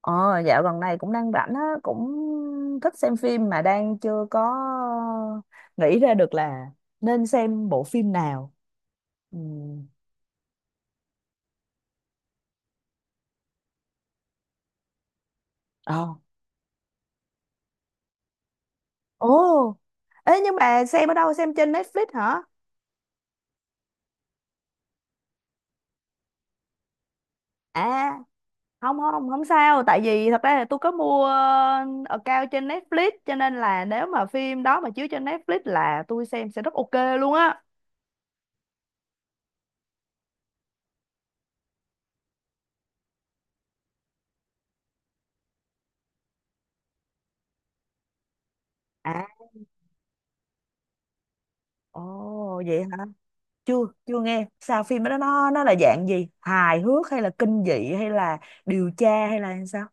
Ờ, dạo gần này cũng đang rảnh á, cũng thích xem phim mà đang chưa có nghĩ ra được là nên xem bộ phim nào. Ừ. Ờ. Ồ, ê nhưng mà xem ở đâu? Xem trên Netflix hả? À, không không không sao, tại vì thật ra là tôi có mua account trên Netflix, cho nên là nếu mà phim đó mà chiếu trên Netflix là tôi xem sẽ rất ok luôn á. À, ồ vậy chưa, chưa nghe. Sao phim đó nó là dạng gì, hài hước hay là kinh dị hay là điều tra hay là sao?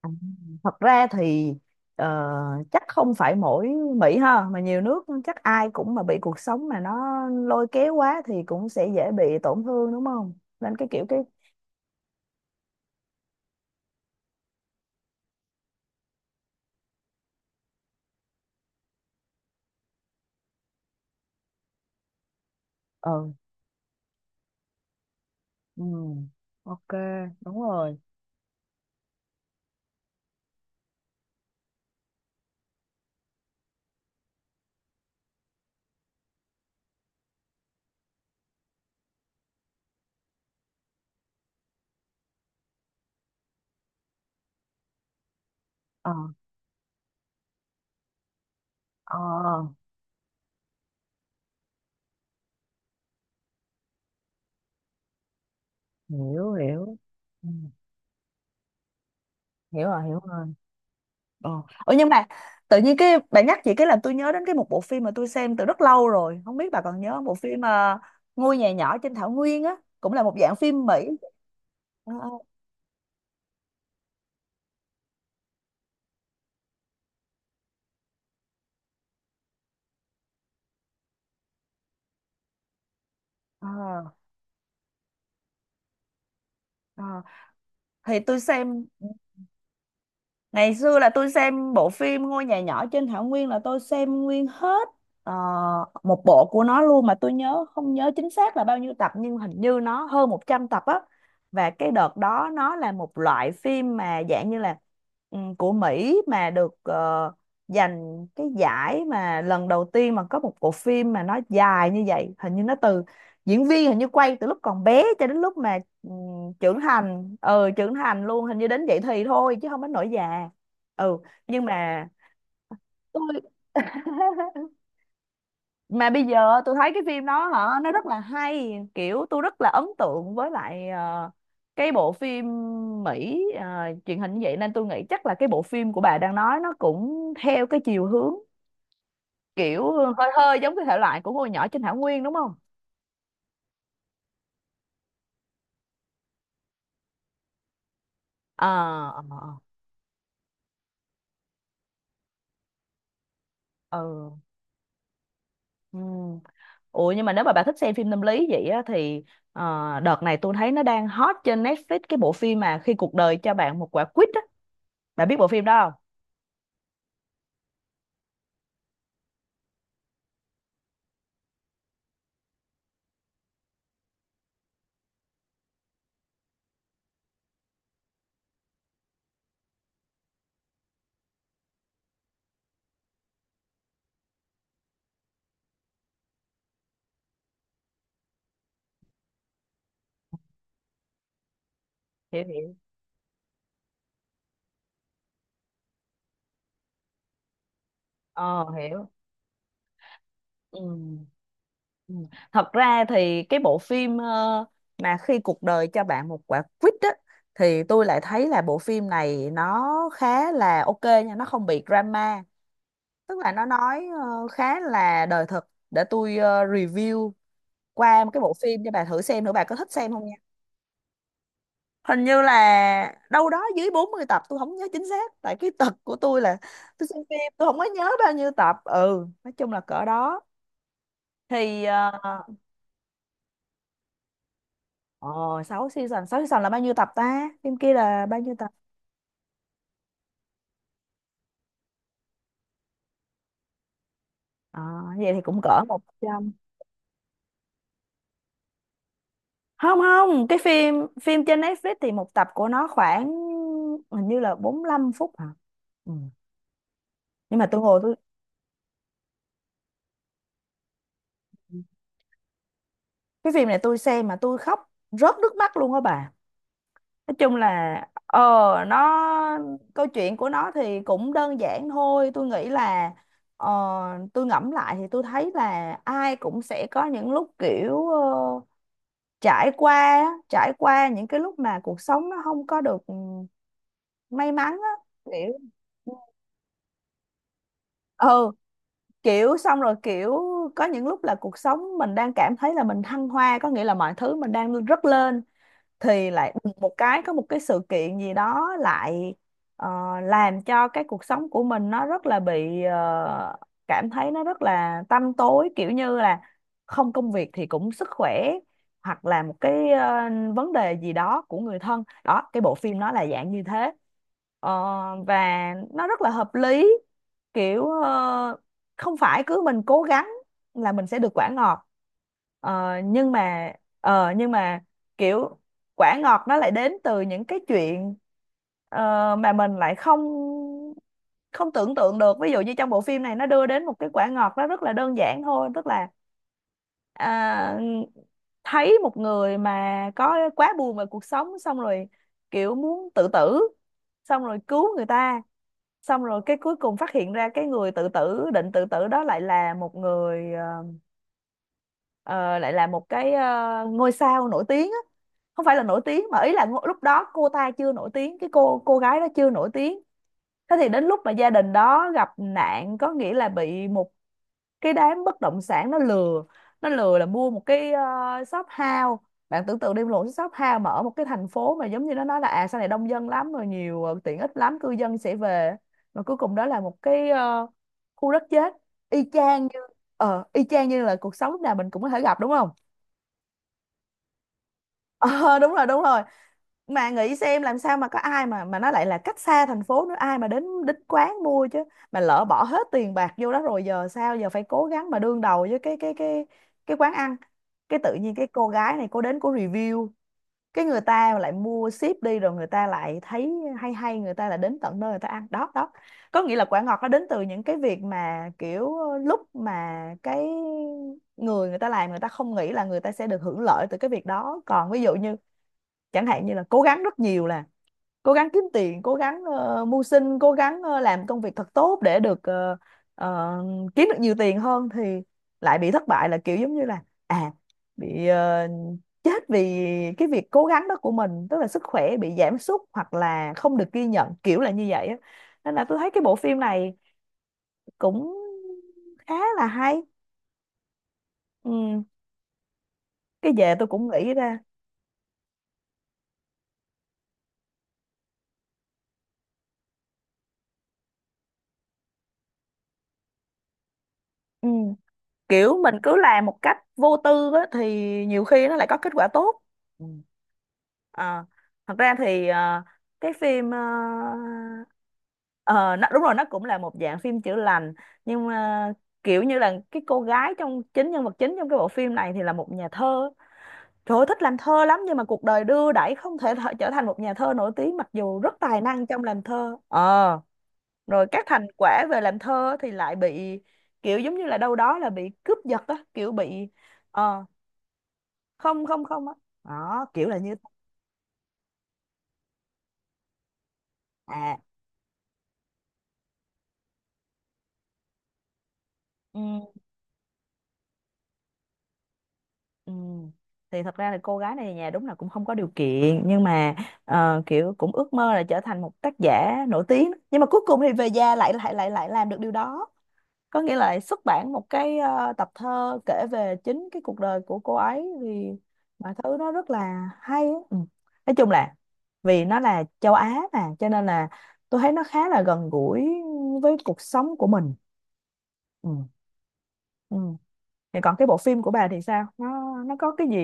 À, thật ra thì ờ, chắc không phải mỗi Mỹ ha, mà nhiều nước chắc ai cũng mà bị cuộc sống mà nó lôi kéo quá thì cũng sẽ dễ bị tổn thương đúng không? Nên cái kiểu cái ừ, ừ, ok, đúng rồi. Ờ, ờ, hiểu hiểu. Ừ, hiểu rồi, hiểu rồi. Ờ. Ủa nhưng mà tự nhiên cái bạn nhắc chị cái làm tôi nhớ đến cái một bộ phim mà tôi xem từ rất lâu rồi, không biết bà còn nhớ không? Bộ phim Ngôi nhà nhỏ trên thảo nguyên á, cũng là một dạng phim Mỹ. Ờ, ờ, ờ, ờ. thì tôi xem Ngày xưa là tôi xem bộ phim Ngôi nhà nhỏ trên thảo nguyên là tôi xem nguyên hết ờ, một bộ của nó luôn, mà tôi nhớ không nhớ chính xác là bao nhiêu tập, nhưng hình như nó hơn 100 tập á. Và cái đợt đó nó là một loại phim mà dạng như là của Mỹ, mà được giành cái giải mà lần đầu tiên mà có một bộ phim mà nó dài như vậy. Hình như nó từ diễn viên, hình như quay từ lúc còn bé cho đến lúc mà trưởng thành, ừ, trưởng thành luôn, hình như đến vậy thì thôi chứ không đến nỗi già. Ừ, nhưng mà tôi mà bây giờ tôi thấy cái phim đó hả, nó rất là hay, kiểu tôi rất là ấn tượng với lại cái bộ phim Mỹ truyền hình như vậy, nên tôi nghĩ chắc là cái bộ phim của bà đang nói nó cũng theo cái chiều hướng kiểu hơi hơi giống cái thể loại của ngôi nhỏ trên thảo nguyên đúng không? Ờ, ờ, ờ, ờ, ừ, ừ. Ủa nhưng mà nếu mà bà thích xem phim tâm lý vậy á, thì ờ, đợt này tôi thấy nó đang hot trên Netflix cái bộ phim mà khi cuộc đời cho bạn một quả quýt á. Bà biết bộ phim đó không? Hiểu hiểu. Ờ, hiểu. Ừ. Ừ. Thật ra thì cái bộ phim mà khi cuộc đời cho bạn một quả quýt á, thì tôi lại thấy là bộ phim này nó khá là ok nha, nó không bị drama, tức là nó nói khá là đời thực. Để tôi review qua một cái bộ phim cho bà thử xem nữa, bà có thích xem không. Hình như là đâu đó dưới 40 tập, tôi không nhớ chính xác, tại cái tật của tôi là tôi xem phim tôi không có nhớ bao nhiêu tập, ừ, nói chung là cỡ đó thì 6 season, 6 season là bao nhiêu tập ta, phim kia là bao nhiêu tập? Ờ, vậy thì cũng cỡ 100. Không không, cái phim phim trên Netflix thì một tập của nó khoảng hình như là 45 phút hả, ừ. Nhưng mà tôi ngồi tôi cái phim này tôi xem mà tôi khóc rớt nước mắt luôn á bà. Nói chung là, ờ, nó câu chuyện của nó thì cũng đơn giản thôi, tôi nghĩ là ờ, tôi ngẫm lại thì tôi thấy là ai cũng sẽ có những lúc kiểu trải qua á, trải qua những cái lúc mà cuộc sống nó không có được may mắn á. Kiểu ừ, kiểu xong rồi kiểu có những lúc là cuộc sống mình đang cảm thấy là mình thăng hoa, có nghĩa là mọi thứ mình đang rất lên, thì lại đùng một cái có một cái sự kiện gì đó lại ờ, làm cho cái cuộc sống của mình nó rất là bị cảm thấy nó rất là tăm tối, kiểu như là không công việc thì cũng sức khỏe, hoặc là một cái vấn đề gì đó của người thân đó, cái bộ phim nó là dạng như thế. Ờ, và nó rất là hợp lý, kiểu không phải cứ mình cố gắng là mình sẽ được quả ngọt. Ờ, nhưng mà ờ, nhưng mà kiểu quả ngọt nó lại đến từ những cái chuyện mà mình lại không không tưởng tượng được. Ví dụ như trong bộ phim này nó đưa đến một cái quả ngọt nó rất là đơn giản thôi, tức là à, thấy một người mà có quá buồn về cuộc sống, xong rồi kiểu muốn tự tử, xong rồi cứu người ta, xong rồi cái cuối cùng phát hiện ra cái người tự tử định tự tử đó lại là một người ờ, lại là một cái ngôi sao nổi tiếng á. Không phải là nổi tiếng mà ý là lúc đó cô ta chưa nổi tiếng, cái cô gái đó chưa nổi tiếng. Thế thì đến lúc mà gia đình đó gặp nạn, có nghĩa là bị một cái đám bất động sản nó lừa, nó lừa là mua một cái shop house. Bạn tưởng tượng đi, một shop house mà ở một cái thành phố mà giống như nó nói là à sau này đông dân lắm rồi nhiều tiện ích lắm, cư dân sẽ về, mà cuối cùng đó là một cái khu đất chết. Y chang như y chang như là cuộc sống lúc nào mình cũng có thể gặp đúng không? Ờ đúng rồi, đúng rồi. Mà nghĩ xem làm sao mà có ai mà nó lại là cách xa thành phố nữa, ai mà đến đến quán mua chứ, mà lỡ bỏ hết tiền bạc vô đó rồi giờ sao, giờ phải cố gắng mà đương đầu với cái cái quán ăn. Cái tự nhiên cái cô gái này cô đến cô review, cái người ta lại mua ship đi, rồi người ta lại thấy hay hay, người ta lại đến tận nơi người ta ăn đó đó. Có nghĩa là quả ngọt nó đến từ những cái việc mà kiểu lúc mà người người ta làm, người ta không nghĩ là người ta sẽ được hưởng lợi từ cái việc đó. Còn ví dụ như chẳng hạn như là cố gắng rất nhiều là cố gắng kiếm tiền, cố gắng mưu sinh, cố gắng làm công việc thật tốt để được ờ, kiếm được nhiều tiền hơn, thì lại bị thất bại, là kiểu giống như là à bị chết vì cái việc cố gắng đó của mình, tức là sức khỏe bị giảm sút hoặc là không được ghi nhận kiểu là như vậy á. Nên là tôi thấy cái bộ phim này cũng khá là hay. Ừ. Cái về tôi cũng nghĩ ra. Ừ. Kiểu mình cứ làm một cách vô tư á, thì nhiều khi nó lại có kết quả tốt. Ừ. Ờ, thật ra thì cái phim ờ, nó, đúng rồi, nó cũng là một dạng phim chữa lành, nhưng mà kiểu như là cái cô gái trong chính nhân vật chính trong cái bộ phim này thì là một nhà thơ. Trời ơi, thích làm thơ lắm, nhưng mà cuộc đời đưa đẩy không thể trở thành một nhà thơ nổi tiếng mặc dù rất tài năng trong làm thơ, ờ rồi các thành quả về làm thơ thì lại bị kiểu giống như là đâu đó là bị cướp giật á, kiểu bị ờ không không không á, đó kiểu là như à, ừ, ừ. Thì thật ra là cô gái này nhà đúng là cũng không có điều kiện, nhưng mà kiểu cũng ước mơ là trở thành một tác giả nổi tiếng, nhưng mà cuối cùng thì về già lại lại lại lại làm được điều đó, có nghĩa là xuất bản một cái tập thơ kể về chính cái cuộc đời của cô ấy. Thì mọi thứ nó rất là hay á. Ừ. Nói chung là vì nó là châu Á mà cho nên là tôi thấy nó khá là gần gũi với cuộc sống của mình. Ừ. Ừ. Thì còn cái bộ phim của bà thì sao? Nó có cái gì?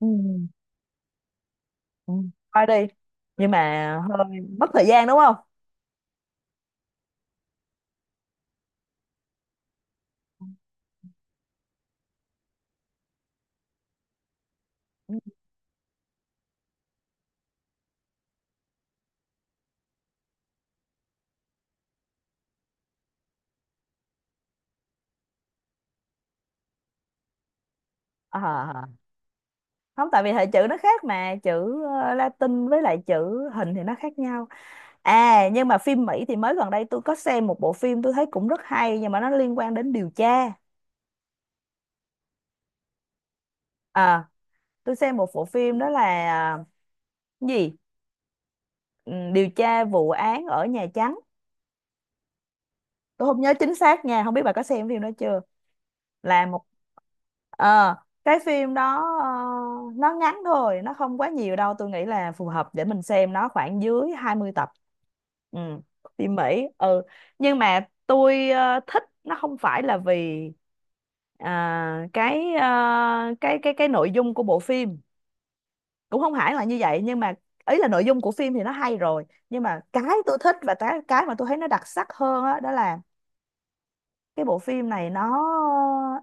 Ừ. Ừ. Coi đi, nhưng mà hơi mất thời gian đúng không? Ừ. À, à, à. Không, tại vì hệ chữ nó khác, mà chữ Latin với lại chữ hình thì nó khác nhau. À, nhưng mà phim Mỹ thì mới gần đây tôi có xem một bộ phim, tôi thấy cũng rất hay, nhưng mà nó liên quan đến điều tra. à tôi xem một bộ phim đó là, cái gì... Ừ, điều tra vụ án ở Nhà Trắng. Tôi không nhớ chính xác nha, không biết bà có xem phim đó chưa. Là một ờ, cái phim đó, nó ngắn thôi, nó không quá nhiều đâu, tôi nghĩ là phù hợp để mình xem, nó khoảng dưới 20 tập. Ừ. Phim Mỹ. Ừ, nhưng mà tôi thích nó không phải là vì cái cái nội dung của bộ phim, cũng không hẳn là như vậy. Nhưng mà ý là nội dung của phim thì nó hay rồi, nhưng mà cái tôi thích và cái mà tôi thấy nó đặc sắc hơn á đó, là cái bộ phim này nó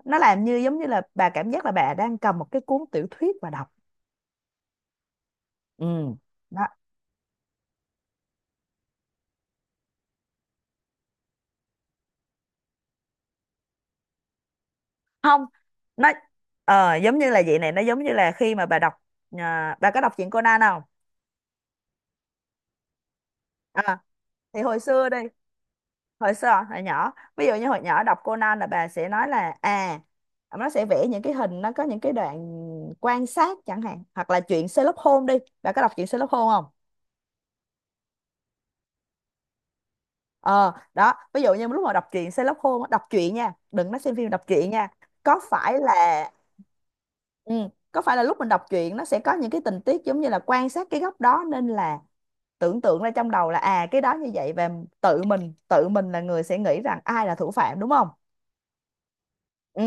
nó làm như giống như là bà cảm giác là bà đang cầm một cái cuốn tiểu thuyết và đọc. Ừ, đó. Không, nó giống như là vậy này, nó giống như là khi mà bà đọc. Bà có đọc truyện Conan không? à, thì hồi xưa đi, hồi xưa hồi nhỏ, ví dụ như hồi nhỏ đọc Conan là bà sẽ nói là à, nó sẽ vẽ những cái hình, nó có những cái đoạn quan sát chẳng hạn. Hoặc là chuyện Sherlock Holmes đi, bà có đọc chuyện Sherlock Holmes không? Ờ Đó, ví dụ như lúc mà đọc truyện Sherlock Holmes á, đọc truyện nha, đừng nói xem phim, đọc truyện nha. có phải là ừ, có phải là lúc mình đọc truyện nó sẽ có những cái tình tiết giống như là quan sát cái góc đó, nên là tưởng tượng ra trong đầu là à cái đó như vậy, và tự mình là người sẽ nghĩ rằng ai là thủ phạm đúng không? Ừ,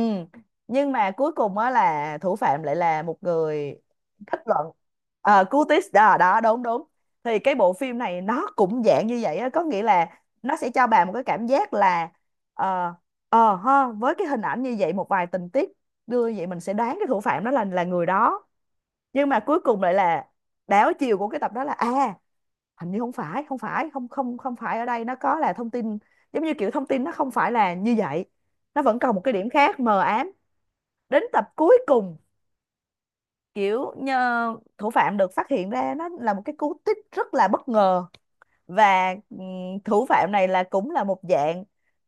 nhưng mà cuối cùng á là thủ phạm lại là một người. Kết luận Curtis, đó đó, đúng đúng. Thì cái bộ phim này nó cũng dạng như vậy á, có nghĩa là nó sẽ cho bà một cái cảm giác là ờ ha, với cái hình ảnh như vậy, một vài tình tiết đưa như vậy, mình sẽ đoán cái thủ phạm đó là người đó. Nhưng mà cuối cùng lại là đảo chiều của cái tập đó, là à hình như không phải ở đây, nó có là thông tin, giống như kiểu thông tin nó không phải là như vậy, nó vẫn còn một cái điểm khác mờ ám. Đến tập cuối cùng kiểu nhờ, thủ phạm được phát hiện ra, nó là một cái cú twist rất là bất ngờ. Và thủ phạm này là cũng là một dạng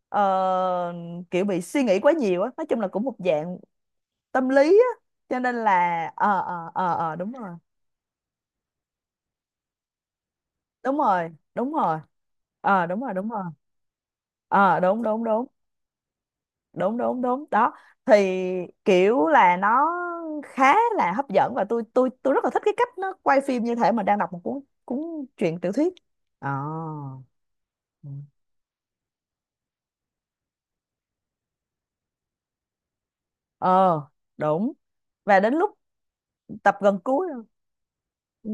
ờ, kiểu bị suy nghĩ quá nhiều á, nói chung là cũng một dạng tâm lý á, cho nên là đúng rồi, đúng rồi, đúng rồi. Đúng rồi, đúng rồi. Ờ Đúng đúng đúng, đúng đúng đúng đó. Thì kiểu là nó khá là hấp dẫn, và tôi rất là thích cái cách nó quay phim như thể mà đang đọc một cuốn cuốn truyện tiểu thuyết. ờ ừ. ờ Đúng. Và đến lúc tập gần cuối rồi. Ừ.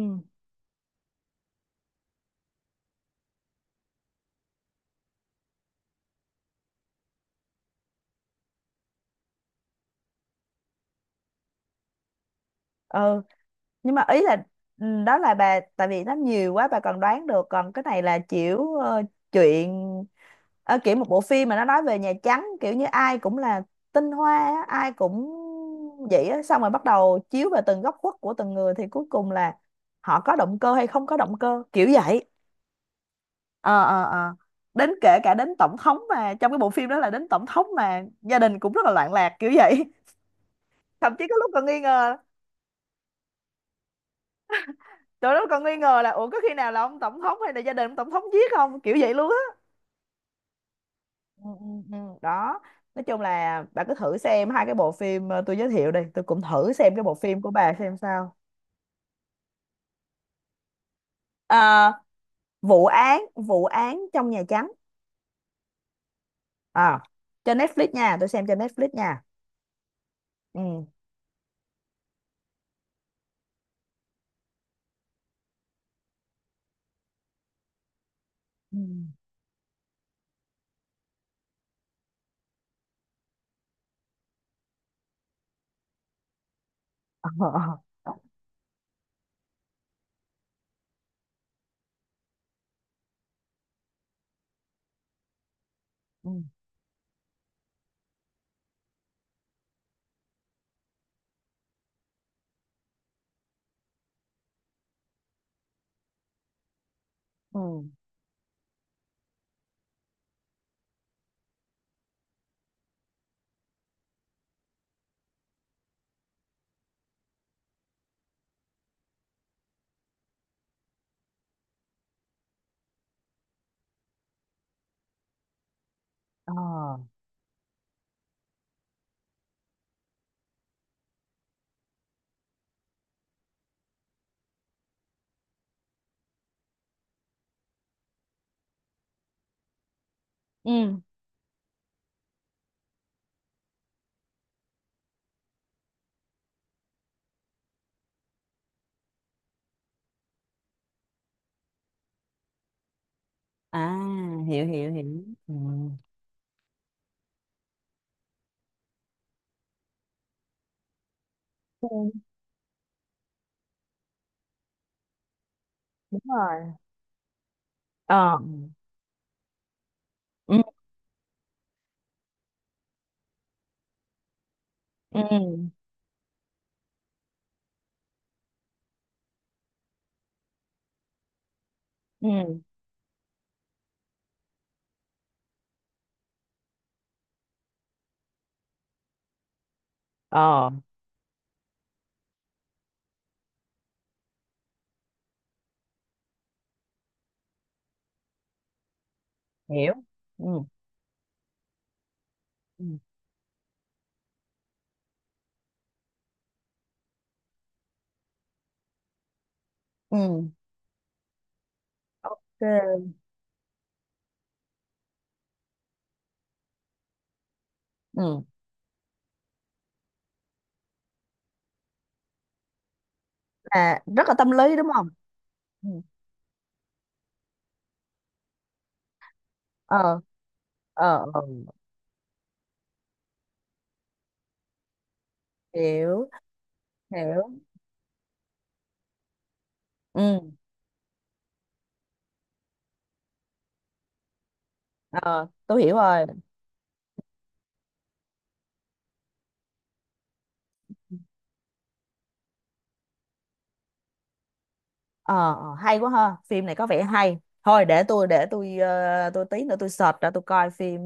Ừ, nhưng mà ý là ừ, đó là bà, tại vì nó nhiều quá bà còn đoán được. Còn cái này là kiểu chuyện, kiểu một bộ phim mà nó nói về Nhà Trắng, kiểu như ai cũng là tinh hoa á, ai cũng vậy á, xong rồi bắt đầu chiếu về từng góc khuất của từng người, thì cuối cùng là họ có động cơ hay không có động cơ kiểu vậy. ờ ờ ờ Đến, kể cả đến tổng thống mà trong cái bộ phim đó, là đến tổng thống mà gia đình cũng rất là loạn lạc kiểu vậy. Thậm chí có lúc còn nghi ngờ, tụi nó còn nghi ngờ là ủa có khi nào là ông tổng thống hay là gia đình ông tổng thống giết không kiểu vậy luôn á. Ừ, ừ, ừ. Đó, nói chung là bà cứ thử xem hai cái bộ phim tôi giới thiệu đây, tôi cũng thử xem cái bộ phim của bà xem sao. Ờ, vụ án trong Nhà Trắng. à, Trên Netflix nha, tôi xem trên Netflix nha. Ừ. Ừ. Ờ, ờ, ừ, ừ, ờ. Ừ. À, hiểu hiểu hiểu. Ừ. Ừ, đúng rồi. Ờ, ừ, ừ, ừ, ừ, ờ, hiểu. Ừ, ừ, ừ. Ok. Ừ. Là rất là tâm lý đúng không? Ừ. Ờ, ờ, ờ. Hiểu, hiểu. Ừ. Ờ, tôi hiểu rồi. Ờ, hay quá ha, phim này có vẻ hay. Thôi để tôi ờ, tôi tí nữa tôi search ra tôi coi phim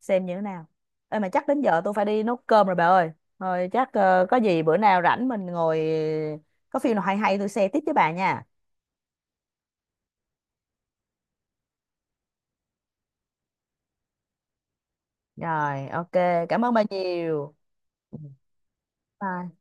xem như thế nào. Ê, mà chắc đến giờ tôi phải đi nấu cơm rồi bà ơi. Thôi chắc có gì bữa nào rảnh mình ngồi, có phim nào hay hay tôi share tiếp với bà nha. Rồi, ok. Cảm ơn bà nhiều. Ừ. Bye.